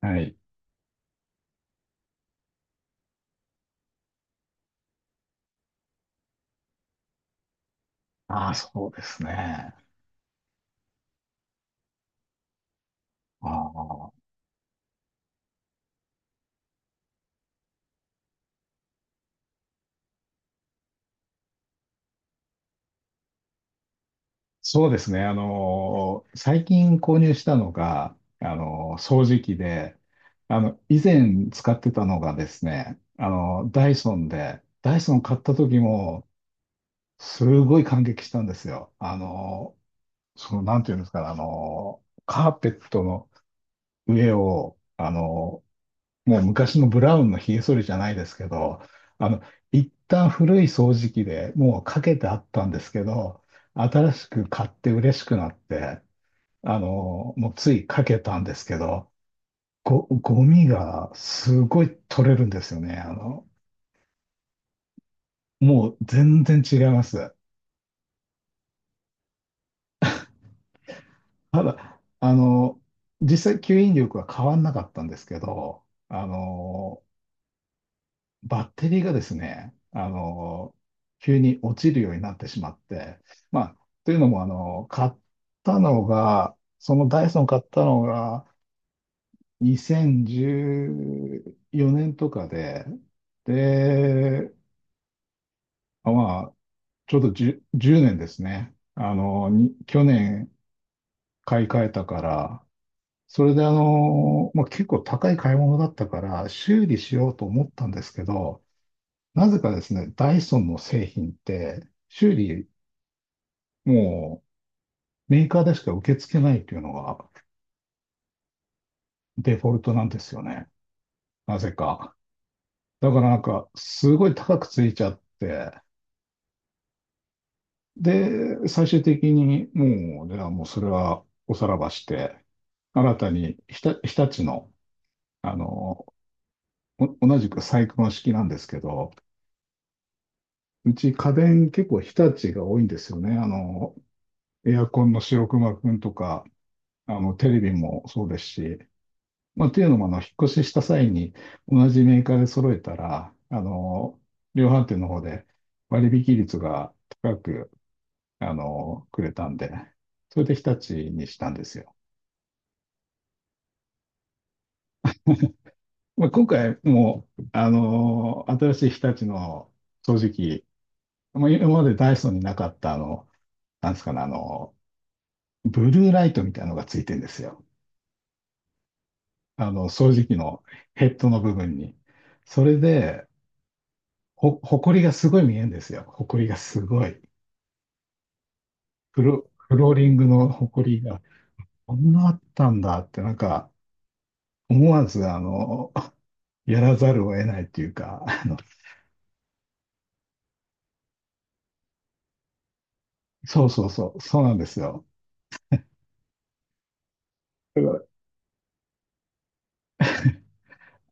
はい。ああ、そうですね。ああ、そうですね。最近購入したのが、掃除機で、あの、以前使ってたのがですね、あのダイソンで、ダイソン買った時も、すごい感激したんですよ。その、なんていうんですかね、カーペットの上を、あのもう昔のブラウンのひげ剃りじゃないですけど、あの、一旦古い掃除機でもうかけてあったんですけど、新しく買って嬉しくなって、あの、もうついかけたんですけど、ゴミがすごい取れるんですよね。あの、もう全然違います。ただ、あの、実際吸引力は変わんなかったんですけど、あの、バッテリーがですね、あの、急に落ちるようになってしまって、まあ、というのも、あの、買ったのが、そのダイソン買ったのが2014年とかで、で、まあ、ちょうど10、1年ですね。あの、に去年買い替えたから、それであの、まあ、結構高い買い物だったから、修理しようと思ったんですけど、なぜかですね、ダイソンの製品って修理もうメーカーでしか受け付けないというのがデフォルトなんですよね。なぜか。だからなんかすごい高くついちゃって、で、最終的にもう、じゃあもうそれはおさらばして、新たに日立の、あの、同じくサイクロン式なんですけど、うち家電結構日立が多いんですよね。あの、エアコンの白熊くんとか、あの、テレビもそうですし、まあ、っていうのも、あの、引っ越しした際に同じメーカーで揃えたら、あの、量販店の方で割引率が高く、あの、くれたんで、それで日立にしたんですよ。まあ、今回も、あの、新しい日立の掃除機、まあ、今までダイソンになかった、あの、なんですかね、あの、ブルーライトみたいなのがついてるんですよ。あの、掃除機のヘッドの部分に。それで、ほこりがすごい見えるんですよ。ほこりがすごい。フローリングのほこりが、こんなあったんだって、なんか、思わず、あの、やらざるを得ないっていうか、あの、そうそうそう、そうなんですよ。だから、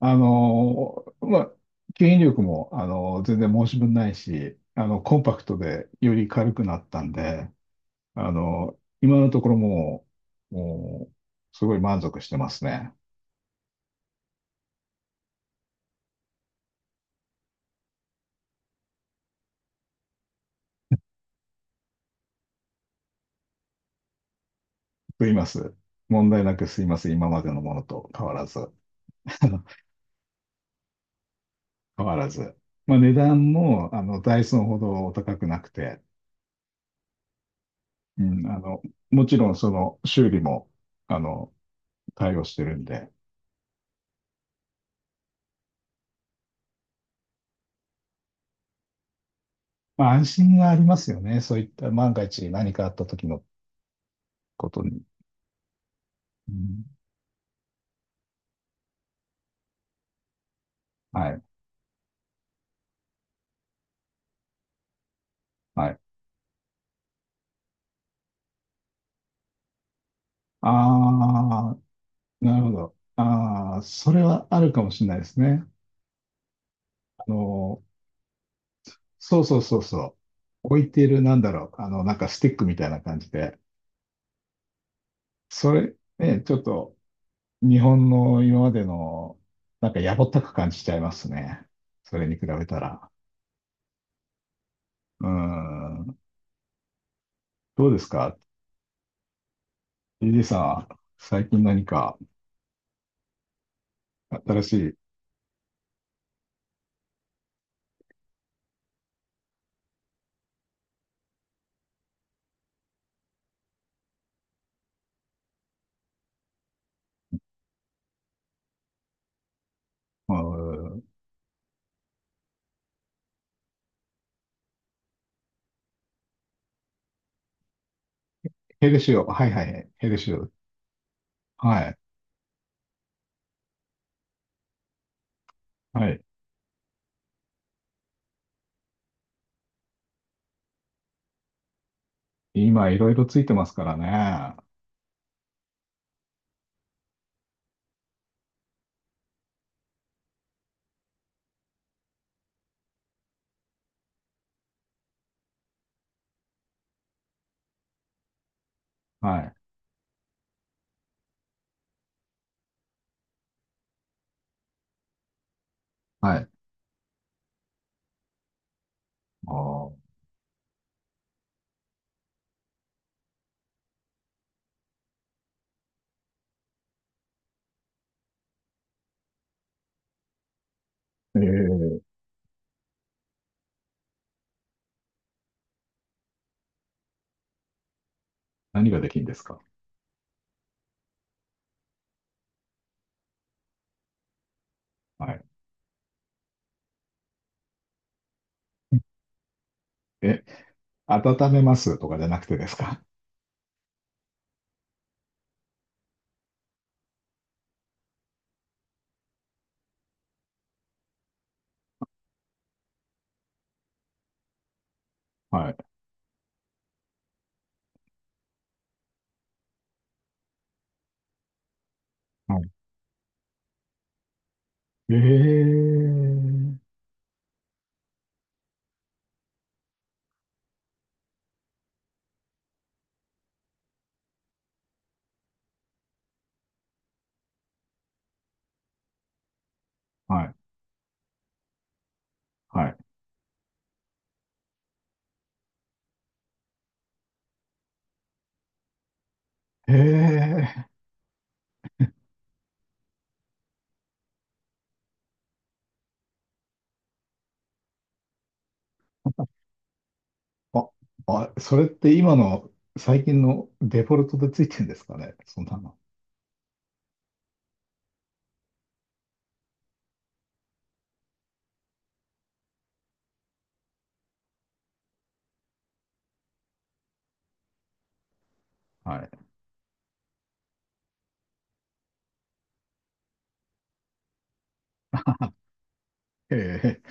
あの、まあ、吸引力も、あの、全然申し分ないし、あの、コンパクトでより軽くなったんで、あの、今のところもう、すごい満足してますね。と言います。問題なくすいます。今までのものと変わらず。変わらず。まあ、値段も、あの、ダイソンほどお高くなくて、うん、あの、もちろんその修理も、あの、対応してるんで、まあ、安心がありますよね。そういった万が一何かあった時のことに。うん、はい、はい。ああ、なるほど。ああ、それはあるかもしれないですね。あの、そうそうそうそう。置いてる、なんだろう、あの、なんかスティックみたいな感じで、それ、ね、ちょっと、日本の今までの、なんかやぼったく感じちゃいますね。それに比べたら。うん。どうですか？ TJ さん最近何か新しい、うん、ヘルシオ、はいはい、ヘルシオ。はい、はい。今、いろいろついてますからね。はい、はい。あーえー、何ができるんですか？はい。え、温めますとかじゃなくてですか？はい。はい。えー、はい、はい。えーあ、あ、それって今の最近のデフォルトでついてるんですかね。そんなの。はい。え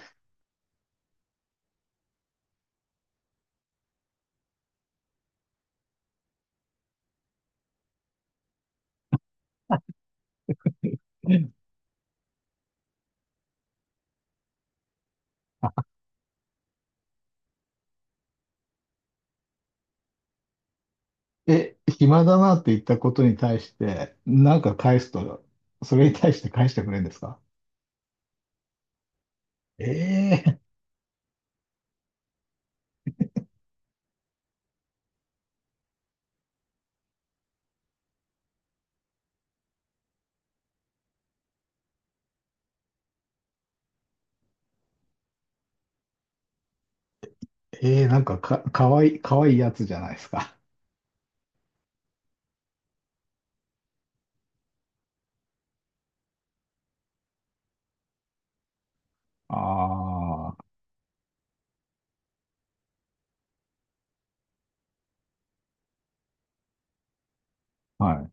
ええ、暇だなって言ったことに対して、なんか返すと、それに対して返してくれるんですか？ええええかわいい、かわいいやつじゃないですか。ああ、はい。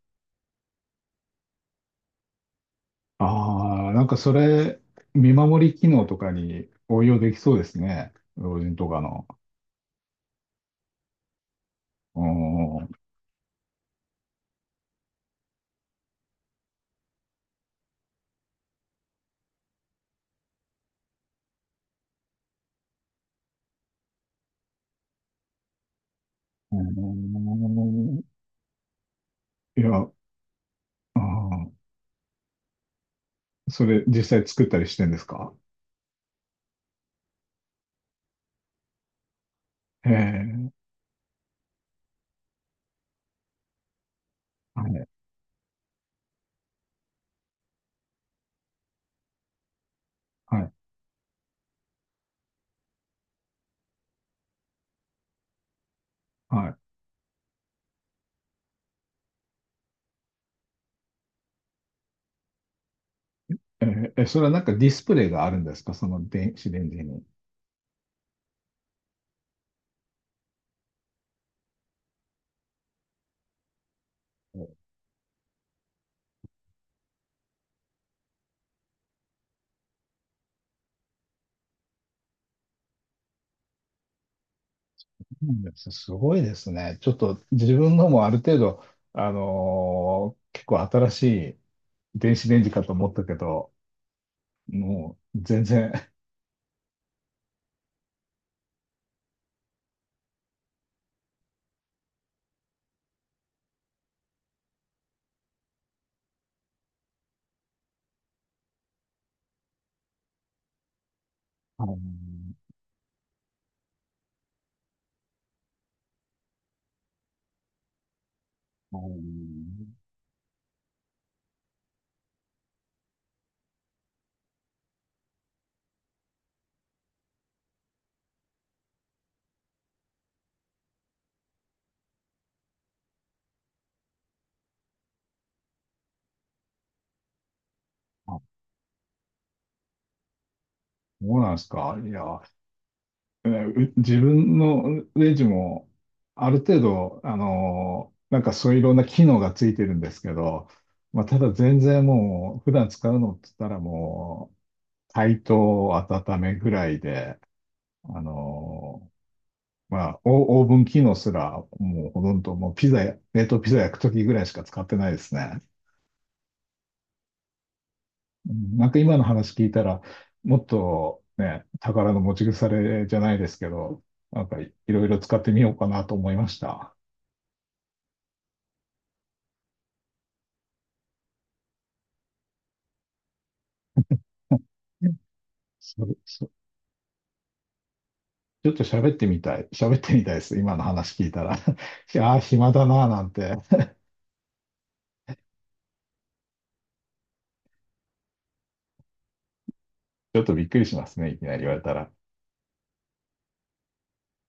ああ、なんかそれ、見守り機能とかに応用できそうですね。老人とかの。うーん。うーんいや、あーそれ実際作ったりしてんですか？へえ、はい、はい、はい。えーえそれはなんかディスプレイがあるんですかその電子レンジに。そうなんですすごいですね。ちょっと自分のもある程度、結構新しい電子レンジかと思ったけど、もう全然、あのーあのーあそうなんですか。いや、自分のレジも、ある程度、あのなんかそういういろんな機能がついてるんですけど、まあ、ただ全然もう、普段使うのって言ったらもう、解凍、温めぐらいで、あのまあ、オオーブン機能すら、もうほとんどもうピザや、冷凍ピザ焼くときぐらいしか使ってないですね。うんなんか今の話聞いたら、もっとね、宝の持ち腐れじゃないですけど、いろいろ使ってみようかなと思いました。それそちょっと喋ってみたい。喋ってみたいです。今の話聞いたら。ああ、暇だなぁなんて。ちょっとびっくりしますね。いきなり言われたら。